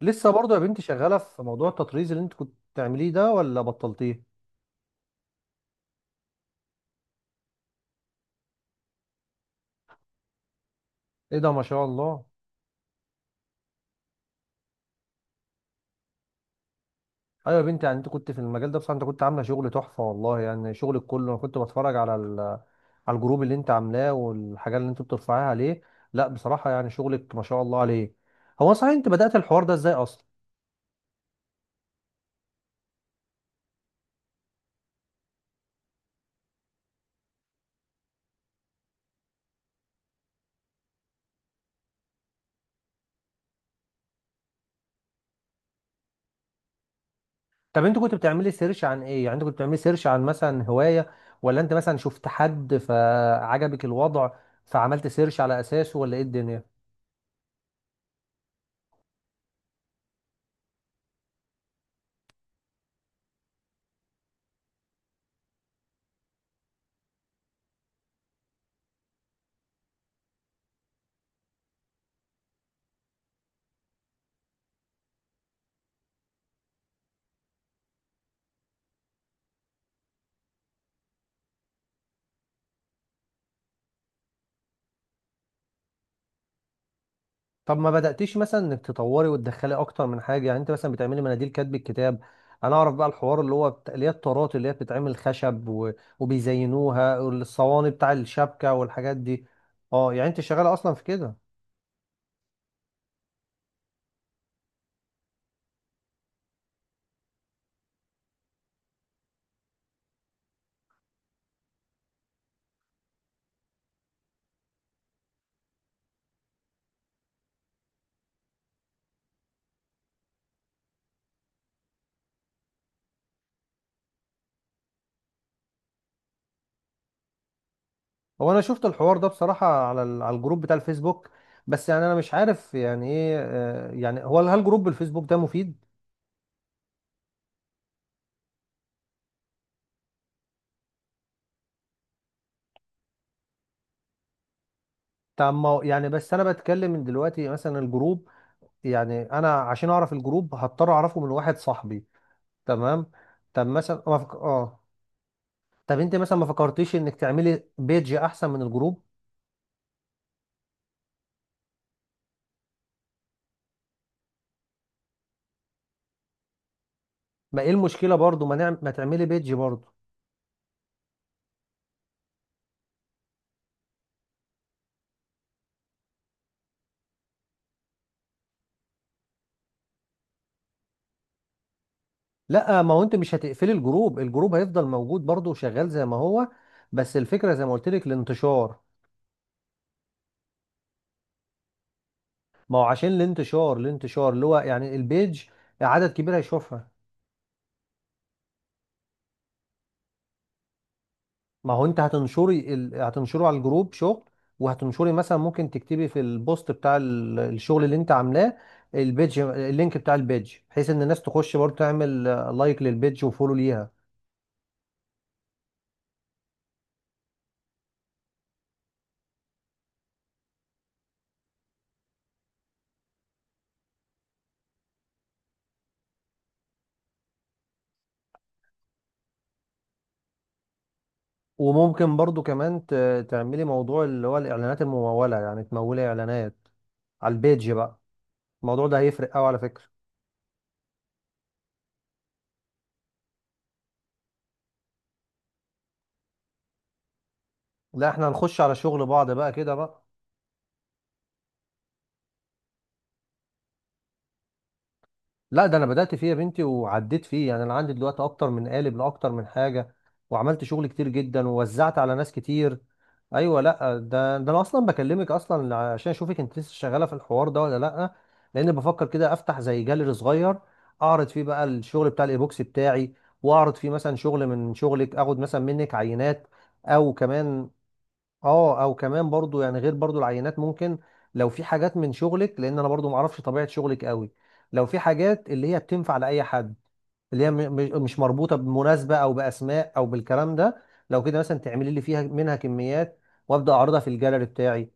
لسه برضه يا بنتي شغاله في موضوع التطريز اللي انت كنت بتعمليه ده ولا بطلتيه؟ ايه ده، ما شاء الله. ايوه يا بنتي، يعني انت كنت في المجال ده بصراحه، انت كنت عامله شغل تحفه والله، يعني شغلك كله انا كنت بتفرج على الجروب اللي انت عاملاه، والحاجات اللي انت بترفعيها عليه. لا، بصراحه يعني شغلك ما شاء الله عليه. هو صحيح انت بدات الحوار ده ازاي اصلا؟ طب انت كنت بتعملي سيرش عن ايه؟ يعني انت كنت بتعملي سيرش عن مثلا هوايه، ولا انت مثلا شفت حد فعجبك الوضع فعملت سيرش على اساسه، ولا ايه الدنيا؟ طب ما بدأتيش مثلا انك تطوري وتدخلي اكتر من حاجه؟ يعني انت مثلا بتعملي مناديل كاتب الكتاب، انا اعرف بقى الحوار اللي هو اللي هي الطارات اللي هي بتتعمل خشب وبيزينوها الصواني بتاع الشبكه والحاجات دي. اه، يعني انت شغاله اصلا في كده. هو انا شفت الحوار ده بصراحه على الجروب بتاع الفيسبوك، بس يعني انا مش عارف يعني ايه، يعني هو هل جروب الفيسبوك ده مفيد؟ طب ما هو- يعني بس انا بتكلم من دلوقتي مثلا الجروب، يعني انا عشان اعرف الجروب هضطر اعرفه من واحد صاحبي، تمام. طب مثلا ما فك... اه طب انت مثلا ما فكرتيش انك تعملي بيج احسن من الجروب؟ ما ايه المشكله برضو، ما تعملي بيج برضو؟ لا، ما هو انت مش هتقفلي الجروب، الجروب هيفضل موجود برضو وشغال زي ما هو، بس الفكره زي ما قلت لك، الانتشار. ما هو عشان الانتشار اللي هو يعني البيج، عدد كبير هيشوفها. ما هو انت هتنشره على الجروب شغل، وهتنشري مثلا ممكن تكتبي في البوست بتاع الشغل اللي انت عاملاه، البيج اللينك بتاع البيج، بحيث ان الناس تخش برضه تعمل لايك للبيج وفولو ليها. وممكن برضه كمان تعملي موضوع اللي هو الاعلانات الممولة، يعني تمولي اعلانات على البيج بقى. الموضوع ده هيفرق قوي على فكرة. لا، احنا هنخش على شغل بعض بقى كده بقى. لا، ده انا بدأت فيه يا بنتي وعديت فيه، يعني انا عندي دلوقتي اكتر من قالب لاكتر من حاجة، وعملت شغل كتير جدا ووزعت على ناس كتير. ايوه، لا ده انا اصلا بكلمك اصلا عشان اشوفك انت لسه شغالة في الحوار ده ولا لا، لان بفكر كده افتح زي جاليري صغير، اعرض فيه بقى الشغل بتاع الايبوكسي بتاعي، واعرض فيه مثلا شغل من شغلك، اخد مثلا منك عينات او كمان. اه، او كمان برضو، يعني غير برضو العينات، ممكن لو في حاجات من شغلك، لان انا برضو معرفش طبيعة شغلك قوي، لو في حاجات اللي هي بتنفع لأي حد، اللي هي مش مربوطة بمناسبة او بأسماء او بالكلام ده، لو كده مثلا تعملي لي فيها منها كميات، وابدأ اعرضها في الجاليري بتاعي.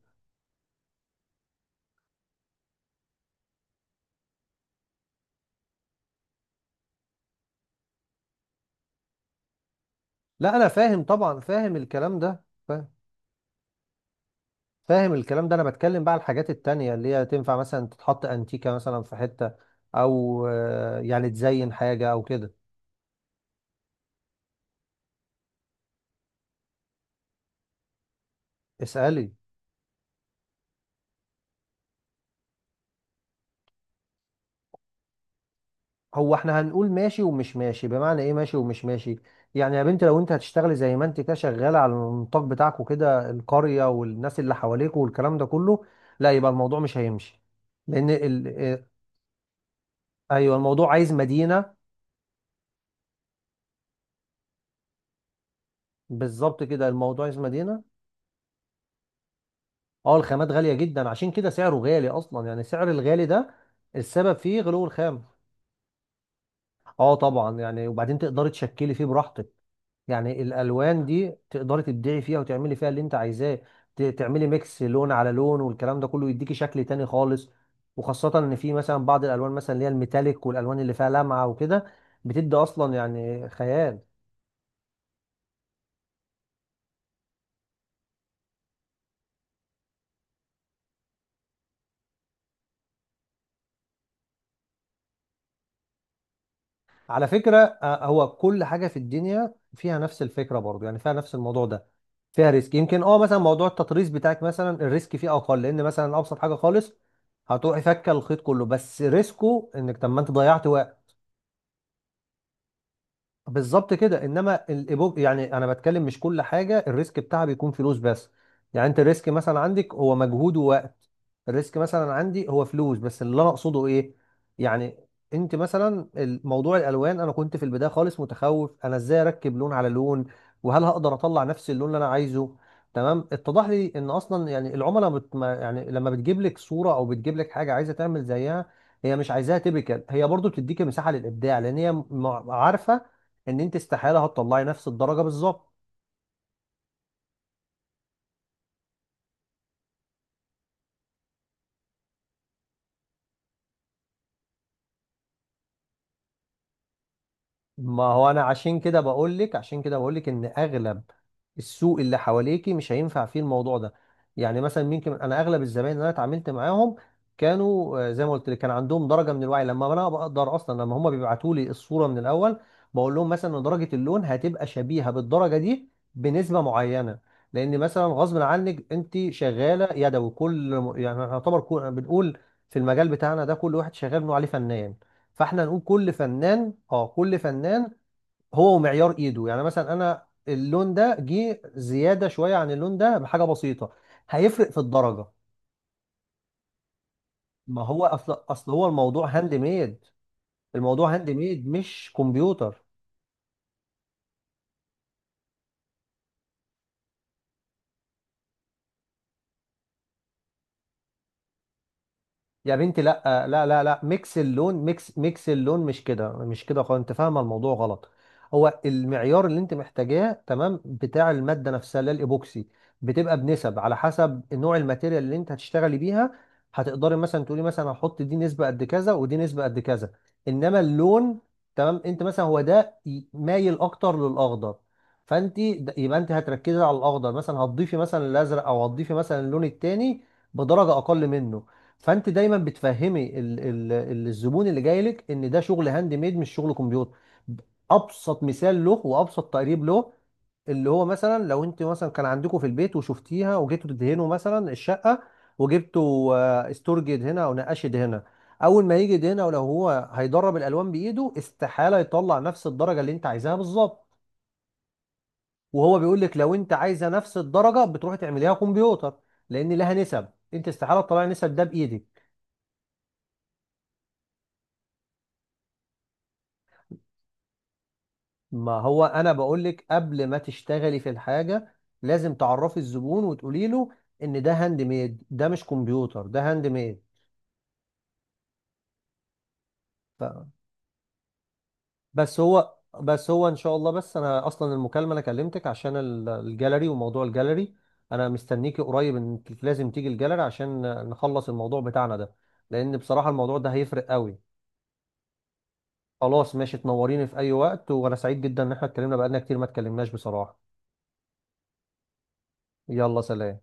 لا، انا فاهم طبعا، فاهم الكلام ده. فاهم الكلام ده، انا بتكلم بقى على الحاجات التانية اللي هي تنفع مثلا تتحط انتيكة مثلا في حتة، او يعني تزين حاجة او كده. اسألي. هو احنا هنقول ماشي ومش ماشي، بمعنى ايه ماشي ومش ماشي؟ يعني يا بنت، لو انت هتشتغلي زي ما انت كده شغاله على النطاق بتاعك وكده، القريه والناس اللي حواليك والكلام ده كله، لا، يبقى الموضوع مش هيمشي، لان ال... اه، ايوه الموضوع عايز مدينه. بالظبط كده، الموضوع عايز مدينه. اه، الخامات غاليه جدا، عشان كده سعره غالي اصلا، يعني سعر الغالي ده السبب فيه غلو الخام. اه طبعا، يعني وبعدين تقدري تشكلي فيه براحتك، يعني الالوان دي تقدري تبدعي فيها وتعملي فيها اللي انت عايزاه، تعملي ميكس لون على لون والكلام ده كله، يديكي شكل تاني خالص. وخاصة ان في مثلا بعض الالوان، مثلا اللي هي الميتاليك والالوان اللي فيها لمعة وكده، بتدي اصلا يعني خيال. على فكرة، هو كل حاجة في الدنيا فيها نفس الفكرة برضو، يعني فيها نفس الموضوع ده، فيها ريسك. يمكن اه مثلا موضوع التطريز بتاعك، مثلا الريسك فيه اقل، لان مثلا ابسط حاجة خالص هتروحي فكه الخيط كله، بس ريسكه انك طب ما انت ضيعت. بالظبط كده، انما يعني انا بتكلم مش كل حاجه الريسك بتاعها بيكون فلوس بس، يعني انت الريسك مثلا عندك هو مجهود ووقت، الريسك مثلا عندي هو فلوس بس. اللي انا اقصده ايه، يعني انت مثلا موضوع الالوان، انا كنت في البدايه خالص متخوف، انا ازاي اركب لون على لون؟ وهل هقدر اطلع نفس اللون اللي انا عايزه؟ تمام، اتضح لي ان اصلا يعني العملاء بت... ما- يعني لما بتجيب لك صوره او بتجيب لك حاجه عايزه تعمل زيها، هي مش عايزاها تيبيكال، هي برضو بتديك مساحه للابداع، لان هي عارفه ان انت استحاله هتطلعي نفس الدرجه بالظبط. ما هو انا عشان كده بقول لك، عشان كده بقول لك ان اغلب السوق اللي حواليكي مش هينفع فيه الموضوع ده. يعني مثلا ممكن انا اغلب الزباين اللي انا اتعاملت معاهم كانوا، زي ما قلت لك، كان عندهم درجه من الوعي، لما انا بقدر اصلا لما هم بيبعتوا لي الصوره من الاول، بقول لهم مثلا ان درجه اللون هتبقى شبيهه بالدرجه دي بنسبه معينه، لان مثلا غصب عنك، انت شغاله يدوي، كل يعني يعتبر بنقول في المجال بتاعنا ده كل واحد شغال بنقول عليه فنان، فاحنا نقول كل فنان هو ومعيار ايده. يعني مثلا انا اللون ده جه زياده شويه عن اللون ده بحاجه بسيطه، هيفرق في الدرجه. ما هو اصل هو الموضوع هاند ميد، الموضوع هاند ميد مش كمبيوتر. يا بنتي، لا لا لا لا، ميكس اللون، ميكس اللون مش كده، مش كده خالص، انت فاهمه الموضوع غلط. هو المعيار اللي انت محتاجاه تمام بتاع الماده نفسها اللي هي الايبوكسي، بتبقى بنسب على حسب نوع الماتيريال اللي انت هتشتغلي بيها، هتقدري مثلا تقولي مثلا هحط دي نسبه قد كذا ودي نسبه قد كذا. انما اللون، تمام انت مثلا هو ده مايل اكتر للاخضر، فانت يبقى انت هتركزي على الاخضر، مثلا هتضيفي مثلا الازرق، او هتضيفي مثلا اللون التاني بدرجه اقل منه. فانت دايما بتفهمي الزبون اللي جاي لك ان ده شغل هاند ميد، مش شغل كمبيوتر. ابسط مثال له وابسط تقريب له، اللي هو مثلا لو انت مثلا كان عندكم في البيت وشفتيها، وجيتوا تدهنوا مثلا الشقه، وجبتوا استورج يدهنها او نقاش يدهنها، اول ما يجي يدهنها، ولو هو هيدرب الالوان بايده، استحاله يطلع نفس الدرجه اللي انت عايزاها بالظبط. وهو بيقول لك لو انت عايزه نفس الدرجه، بتروحي تعمليها كمبيوتر، لان لها نسب، انت استحاله تطلعي نسب ده بايدك. ما هو انا بقول لك قبل ما تشتغلي في الحاجه، لازم تعرفي الزبون وتقولي له ان ده هاند ميد، ده مش كمبيوتر، ده هاند ميد. ف... بس هو ان شاء الله، بس انا اصلا المكالمه انا كلمتك عشان الجاليري وموضوع الجاليري. انا مستنيكي قريب، انك لازم تيجي الجاليري عشان نخلص الموضوع بتاعنا ده، لان بصراحه الموضوع ده هيفرق قوي. خلاص ماشي، تنوريني في اي وقت، وانا سعيد جدا ان احنا اتكلمنا، بقالنا كتير ما اتكلمناش بصراحه. يلا، سلام.